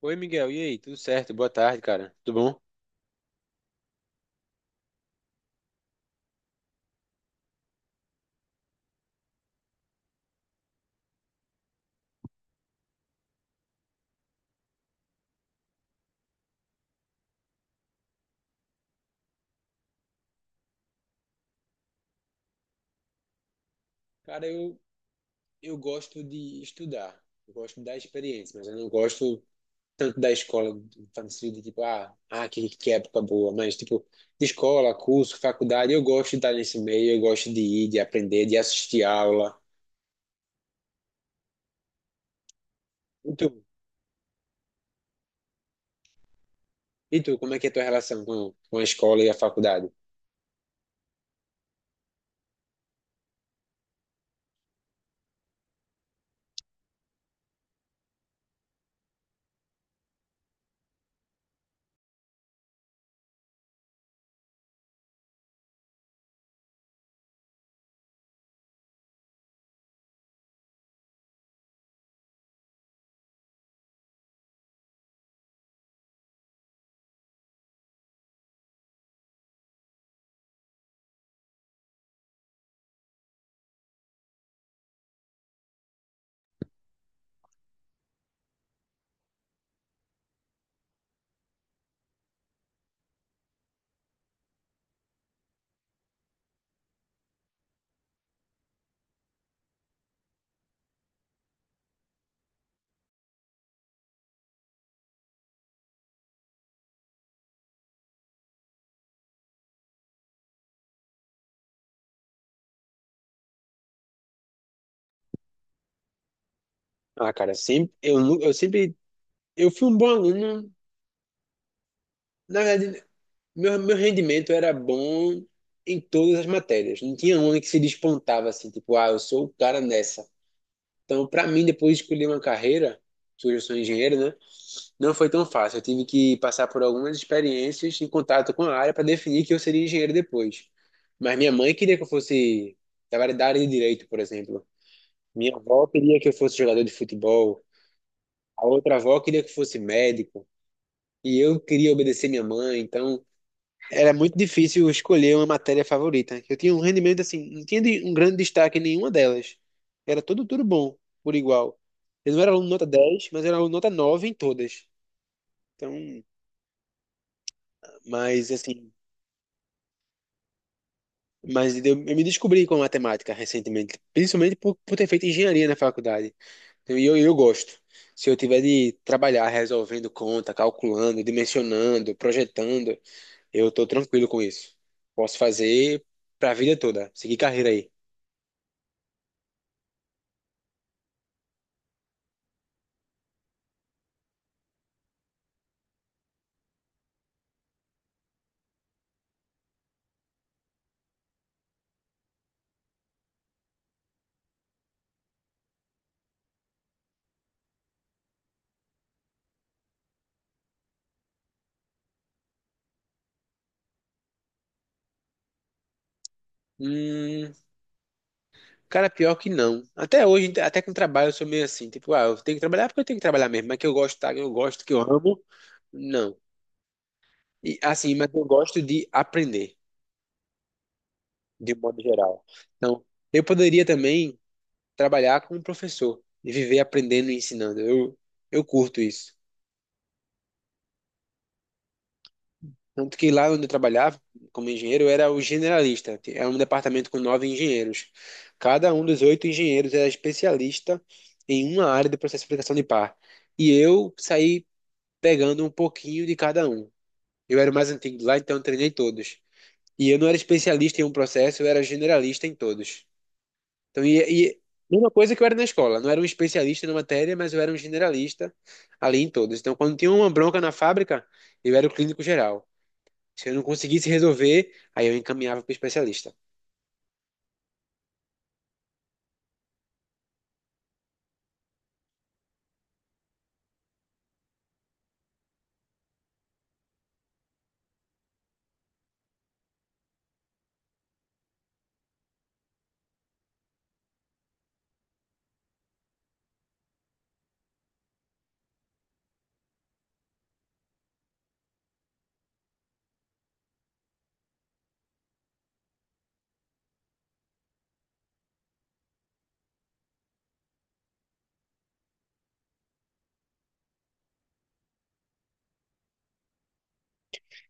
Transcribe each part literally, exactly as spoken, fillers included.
Oi, Miguel. E aí? Tudo certo? Boa tarde, cara. Tudo bom? Cara, eu, eu gosto de estudar. Eu gosto da experiência, mas eu não gosto tanto da escola, no sentido de tipo, ah, ah, que, que época boa. Mas, tipo, de escola, curso, faculdade, eu gosto de estar nesse meio, eu gosto de ir, de aprender, de assistir aula. E tu? E tu, como é que é a tua relação com, com a escola e a faculdade? Ah, cara, sempre, eu, nu- eu sempre, eu fui um bom aluno, na verdade. Meu, meu rendimento era bom em todas as matérias. Não tinha uma que se despontava assim, tipo, ah, eu sou o cara nessa. Então, para mim, depois de escolher uma carreira, que hoje eu sou engenheiro, né? Não foi tão fácil. Eu tive que passar por algumas experiências em contato com a área para definir que eu seria engenheiro depois. Mas minha mãe queria que eu fosse da área da área de direito, por exemplo. Minha avó queria que eu fosse jogador de futebol. A outra avó queria que eu fosse médico. E eu queria obedecer minha mãe, então era muito difícil escolher uma matéria favorita. Eu tinha um rendimento assim, não tinha de- um grande destaque em nenhuma delas. Era tudo, tudo bom, por igual. Eu não era aluno nota dez, mas era aluno nota nove em todas. Então, mas assim, mas eu, eu me descobri com matemática recentemente, principalmente por, por ter feito engenharia na faculdade. Então, e eu, eu gosto. Se eu tiver de trabalhar resolvendo conta, calculando, dimensionando, projetando, eu tô tranquilo com isso. Posso fazer pra vida toda, seguir carreira aí. Hum, cara, pior que não. Até hoje, até com trabalho, eu sou meio assim, tipo, ah, eu tenho que trabalhar porque eu tenho que trabalhar mesmo, mas que eu gosto, tá? Eu gosto, que eu amo, não. E assim, mas eu gosto de aprender, de um modo geral. Então, eu poderia também trabalhar como professor e viver aprendendo e ensinando. Eu, eu curto isso. Tanto que lá onde eu trabalhava, como engenheiro, eu era o generalista. É um departamento com nove engenheiros. Cada um dos oito engenheiros era especialista em uma área do processo de aplicação de par. E eu saí pegando um pouquinho de cada um. Eu era o mais antigo lá, então eu treinei todos. E eu não era especialista em um processo, eu era generalista em todos. Então, e, e mesma coisa que eu era na escola. Não era um especialista na matéria, mas eu era um generalista ali em todos. Então, quando tinha uma bronca na fábrica, eu era o clínico geral. Se eu não conseguisse resolver, aí eu encaminhava para o especialista.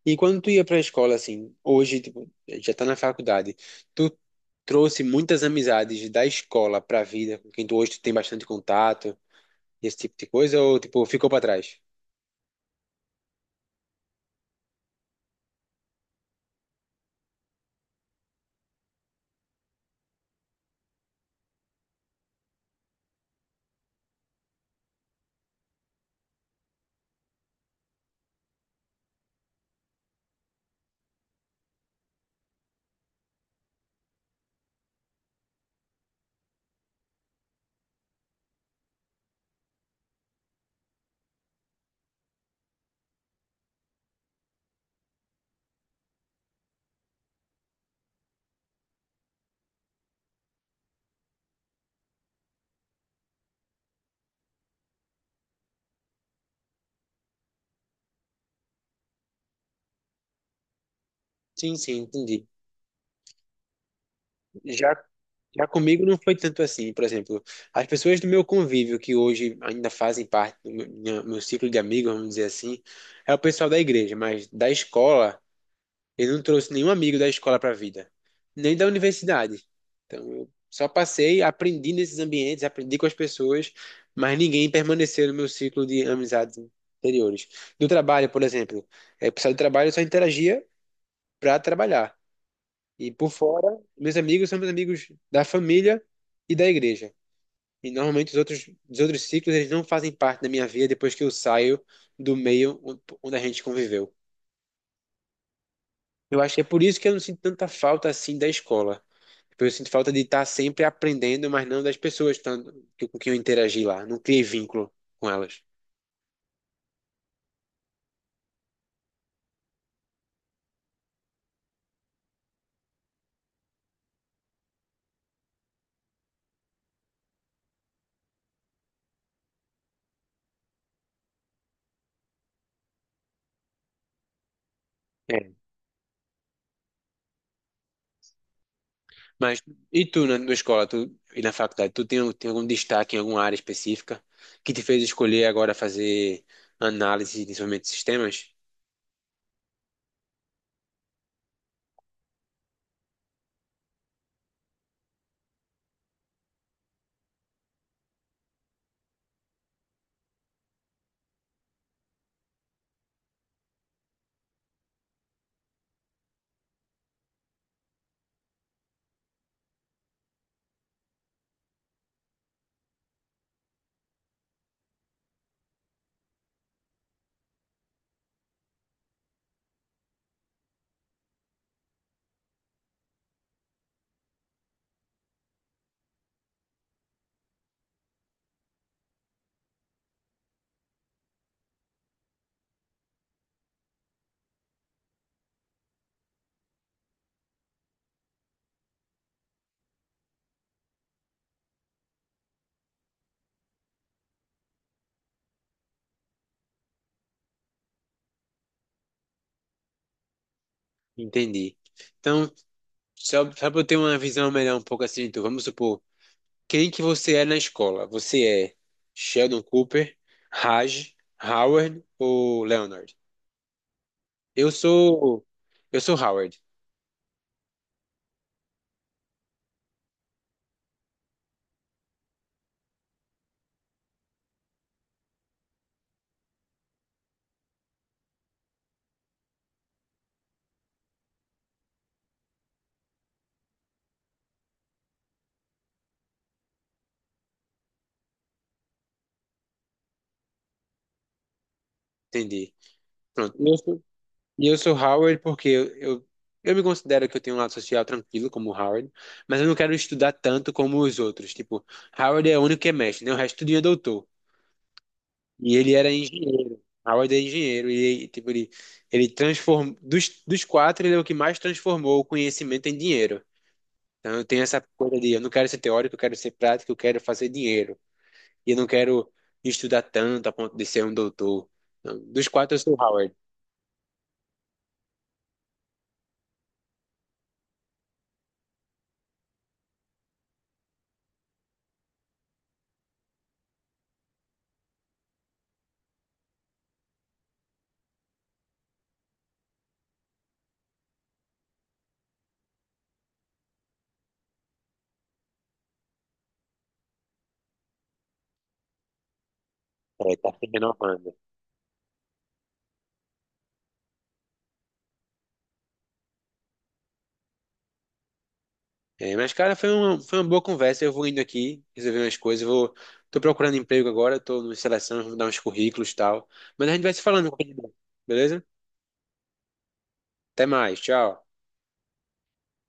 E quando tu ia para a escola, assim, hoje, tipo, já tá na faculdade, tu trouxe muitas amizades da escola para a vida, com quem tu hoje tu tem bastante contato, esse tipo de coisa, ou, tipo, ficou para trás? Sim, sim, entendi. Já, já comigo não foi tanto assim, por exemplo, as pessoas do meu convívio que hoje ainda fazem parte do meu, minha- meu ciclo de amigos, vamos dizer assim, é o pessoal da igreja. Mas da escola, ele não trouxe nenhum amigo da escola para a vida, nem da universidade. Então, eu só passei, aprendi nesses ambientes, aprendi com as pessoas, mas ninguém permaneceu no meu ciclo de amizades anteriores. Do trabalho, por exemplo, é, o pessoal do trabalho eu só interagia para trabalhar. E por fora, meus amigos são meus amigos da família e da igreja. E normalmente os outros, os outros ciclos eles não fazem parte da minha vida depois que eu saio do meio onde a gente conviveu. Eu acho que é por isso que eu não sinto tanta falta assim da escola. Tipo, eu sinto falta de estar sempre aprendendo, mas não das pessoas tanto, que- com quem eu interagi lá. Não criei vínculo com elas. É. Mas e tu na, na escola, tu e na faculdade, tu tem, tem algum destaque em alguma área específica que te fez escolher agora fazer análise de desenvolvimento de sistemas? Entendi. Então, só, só para eu ter uma visão melhor um pouco assim, tu, vamos supor, quem que você é na escola? Você é Sheldon Cooper, Raj, Howard ou Leonard? Eu sou eu sou Howard. Entendi. Pronto. E eu sou, e eu sou Howard porque eu, eu, eu me considero que eu tenho um lado social tranquilo, como o Howard, mas eu não quero estudar tanto como os outros. Tipo, Howard é o único que é mestre, né? O resto tudo é doutor. E ele era engenheiro. Howard é engenheiro. E, tipo, ele, ele transformou. Dos, dos quatro, ele é o que mais transformou o conhecimento em dinheiro. Então, eu tenho essa coisa de eu não quero ser teórico, eu quero ser prático, eu quero fazer dinheiro. E eu não quero estudar tanto a ponto de ser um doutor. Não, dos quatro, eu sou o Howard. É, tá se renovando. É, mas, cara, foi uma, foi uma boa conversa. Eu vou indo aqui, resolver umas coisas. Eu vou, tô procurando emprego agora, tô numa seleção, vou dar uns currículos e tal. Mas a gente vai se falando, beleza? Até mais, tchau.